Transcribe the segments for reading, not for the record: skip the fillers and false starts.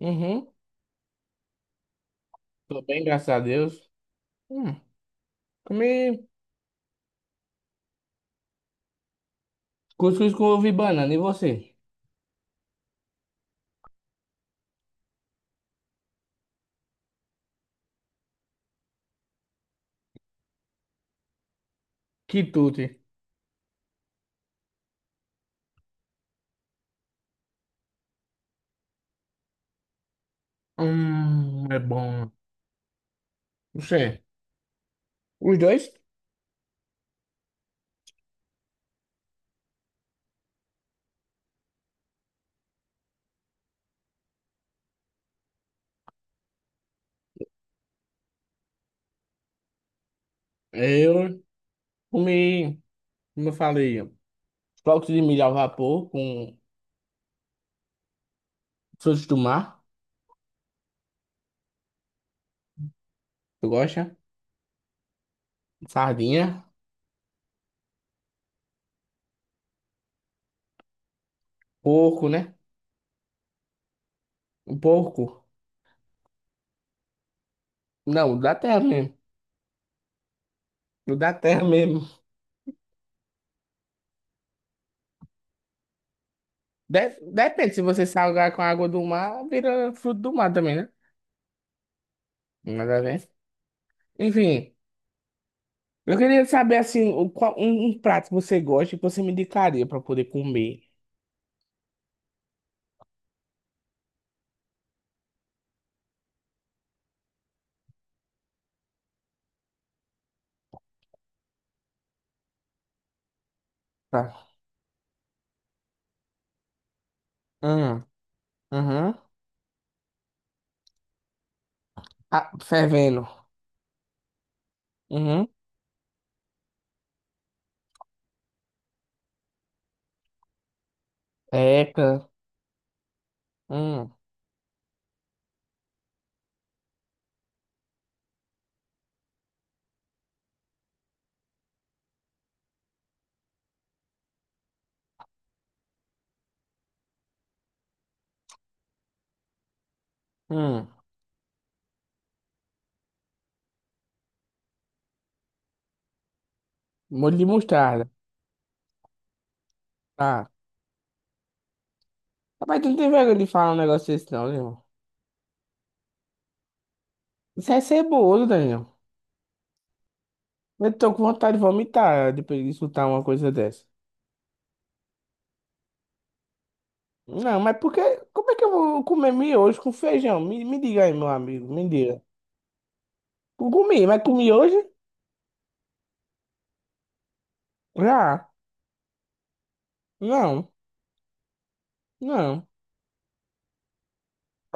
Uhum. Tô bem, graças a Deus. Hum, Comi cuscuz com ovo e banana. E você? Quitute. É bom. Você? Os dois? Eu comi, como eu falei, flocos de milho ao vapor com frutos do mar. Tu gosta? Sardinha. Porco, né? Um porco. Não, da terra mesmo. O Da terra mesmo. Depende, se você salgar com a água do mar, vira fruto do mar também, né? Nada a ver. Enfim. Eu queria saber, assim, um prato que você gosta e que você me indicaria pra poder comer. Tá. Hum, uhum. Ah, fervendo. Uhum. Eca, hum, hum. Molho de mostarda. Tá. Rapaz, tu não tem vergonha de falar um negócio desse não, Leon. Isso é ceboso, Daniel. Eu tô com vontade de vomitar depois de escutar uma coisa dessa. Não, mas porque... Como é que eu vou comer miojo com feijão? Me diga aí, meu amigo, me diga. Eu comi, mas comi hoje? Já. Não, não.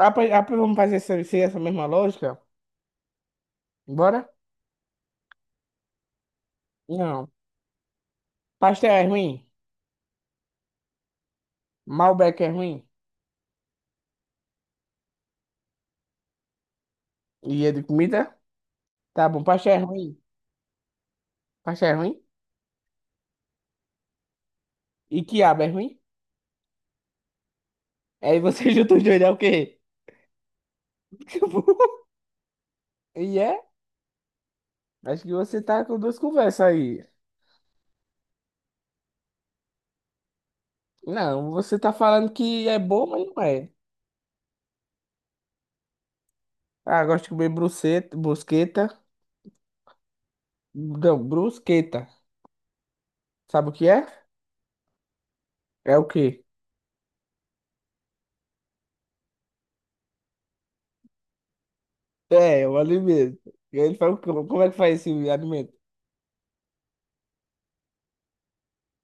Ah, pois vamos fazer essa, seguir essa mesma lógica? Bora? Não. Pastel é ruim? Malbec é ruim? E é de comida? Tá bom, pastel é ruim. Pastel é ruim? E quiabo é ruim? Aí você junta os dois, é o quê? E é? Acho que você tá com duas conversas aí. Não, você tá falando que é bom, mas não é. Ah, gosto de comer bruceta, brusqueta. Não, brusqueta. Sabe o que é? É o quê? É, o alimento. E ele fala, como é que faz esse alimento?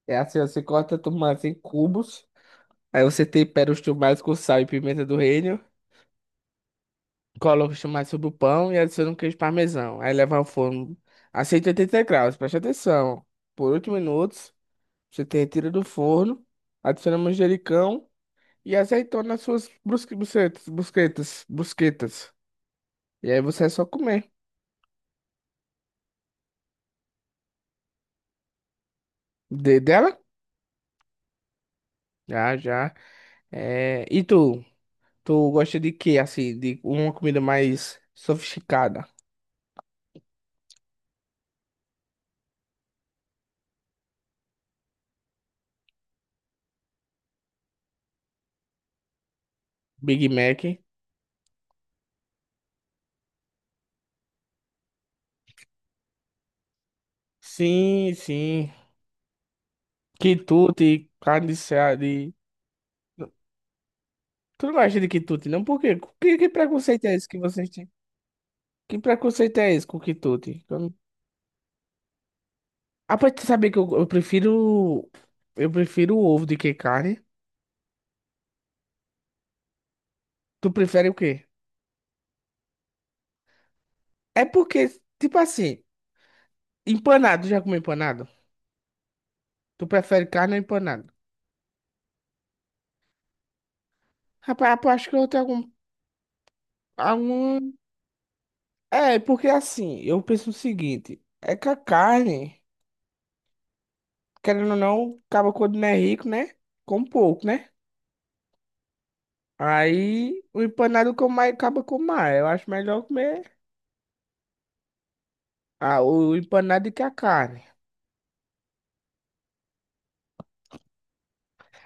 É assim, ó, você corta tomate em cubos, aí você tempera os tomates com sal e pimenta do reino, coloca os tomates sobre o pão e adiciona um queijo parmesão. Aí leva ao forno a 180 graus, preste atenção. Por 8 minutos, você te retira do forno, adiciona manjericão e azeitona nas suas bucetas, brusquetas, brusquetas. E aí você é só comer. De dela? Já, já. É. E tu? Tu gosta de quê, assim? De uma comida mais sofisticada? Big Mac? Sim, sim. Quitute, carne de seara, de... Tu não gosta de quitute, não? Por quê? Que preconceito é esse que vocês têm? Que preconceito é esse com quitute? Eu não- Ah, pra tu saber que eu prefiro... Eu prefiro o ovo do que carne. Tu prefere o quê? É porque, tipo assim, empanado, já comeu empanado? Tu prefere carne ou empanado? Rapaz, eu acho que eu tenho algum... algum... É, porque assim, eu penso o seguinte. É que a carne... Querendo ou não, acaba quando não é rico, né? Com pouco, né? Aí o empanado que eu mais acaba com mais. Eu acho melhor comer o empanado do que a carne.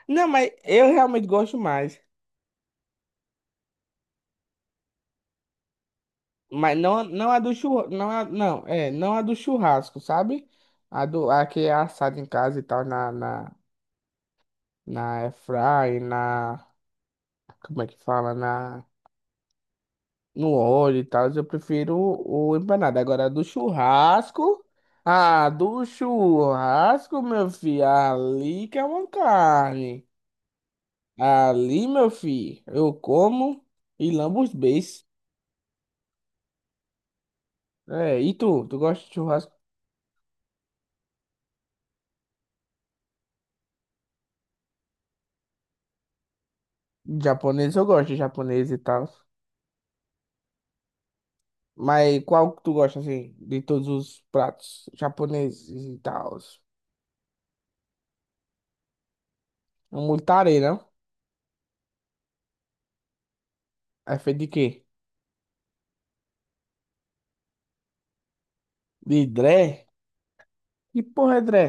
Não, mas eu realmente gosto mais. Mas não, não a do churrasco. Não, não, é, não a do churrasco, sabe? A que é assada em casa e tal, na, na, na airfryer, na. Como é que fala? No óleo e tal, eu prefiro o empanado. Agora, do churrasco. Ah, do churrasco, meu filho. Ali que é uma carne. Ali, meu filho, eu como e lambo os beiços. É, e tu? Tu gosta de churrasco japonês? Eu gosto de japonês e tal. Mas qual que tu gosta, assim, de todos os pratos japoneses e tal? Um multare, não? É feito de quê? De dré? Que porra é dré?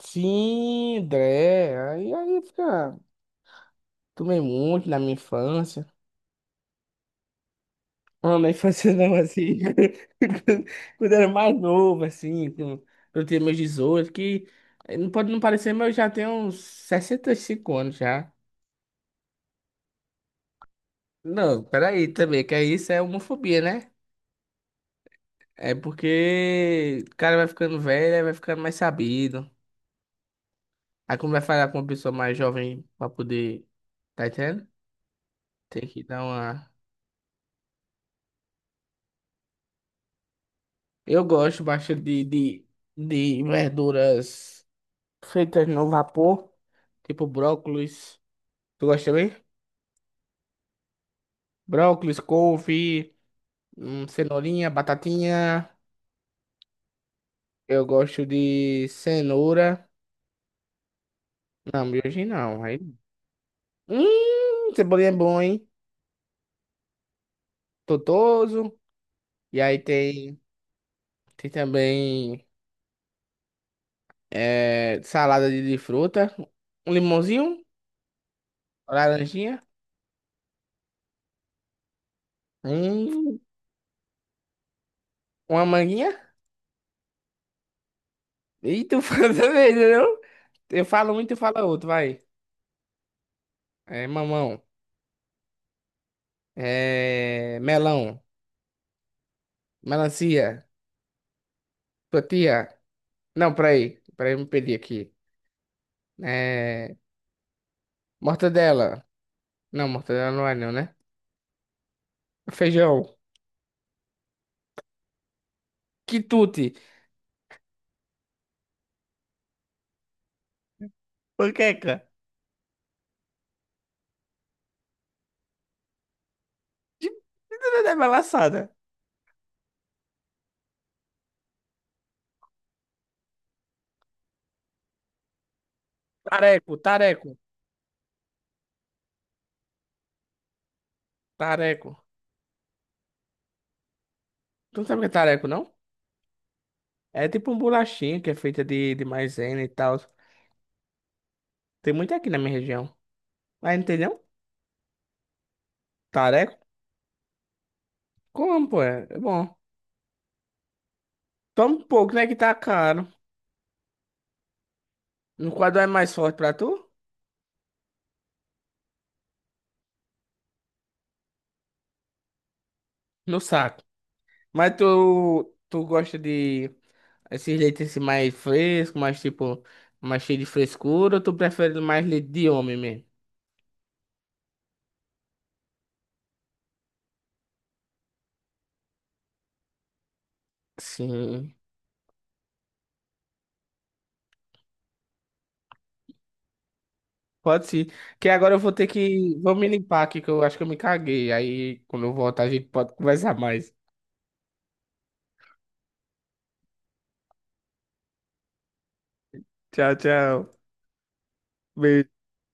Sim, Dré. Aí fica. Tomei muito na minha infância. Não, na infância não, assim. Quando eu era mais novo, assim. Eu tinha meus 18, que não pode não parecer, mas eu já tenho uns 65 anos já. Não, peraí também, que aí isso é homofobia, né? É porque o cara vai ficando velho, aí vai ficando mais sabido. Aí como vai falar com uma pessoa mais jovem pra poder. Tá entendendo? Tem que dar uma. Eu gosto bastante de verduras feitas no vapor, tipo brócolis. Tu gosta também? Brócolis, couve, cenourinha, batatinha. Eu gosto de cenoura. Não, miojo não. Aí... Cebolinha é bom, hein? Totoso. E aí tem também salada de fruta. Um limãozinho, laranjinha. Hum, uma manguinha. E tu fala também, entendeu? Eu falo um e tu fala outro, vai. É mamão. É melão. Melancia. Tortilha. Não, peraí. Peraí, me perdi aqui. É mortadela. Não, mortadela não é não, né? Feijão. Quitute. Panqueca. De... É balaçada. Tareco, tareco. Tareco. Tu não sabe o que é tareco, não? É tipo um bolachinho que é feita de maisena e tal. Tem muito aqui na minha região. Mas não tem não? Tareco? Como, pô? É bom. Toma um pouco, né? Que tá caro. No quadro é mais forte pra tu? No saco. Mas tu gosta de esses leites assim mais frescos, mais tipo, mais cheio de frescura, ou tu prefere mais leite de homem mesmo? Sim. Pode ser. Que agora eu vou ter que. Vou me limpar aqui, que eu acho que eu me caguei. Aí quando eu voltar a gente pode conversar mais. Tchau, tchau.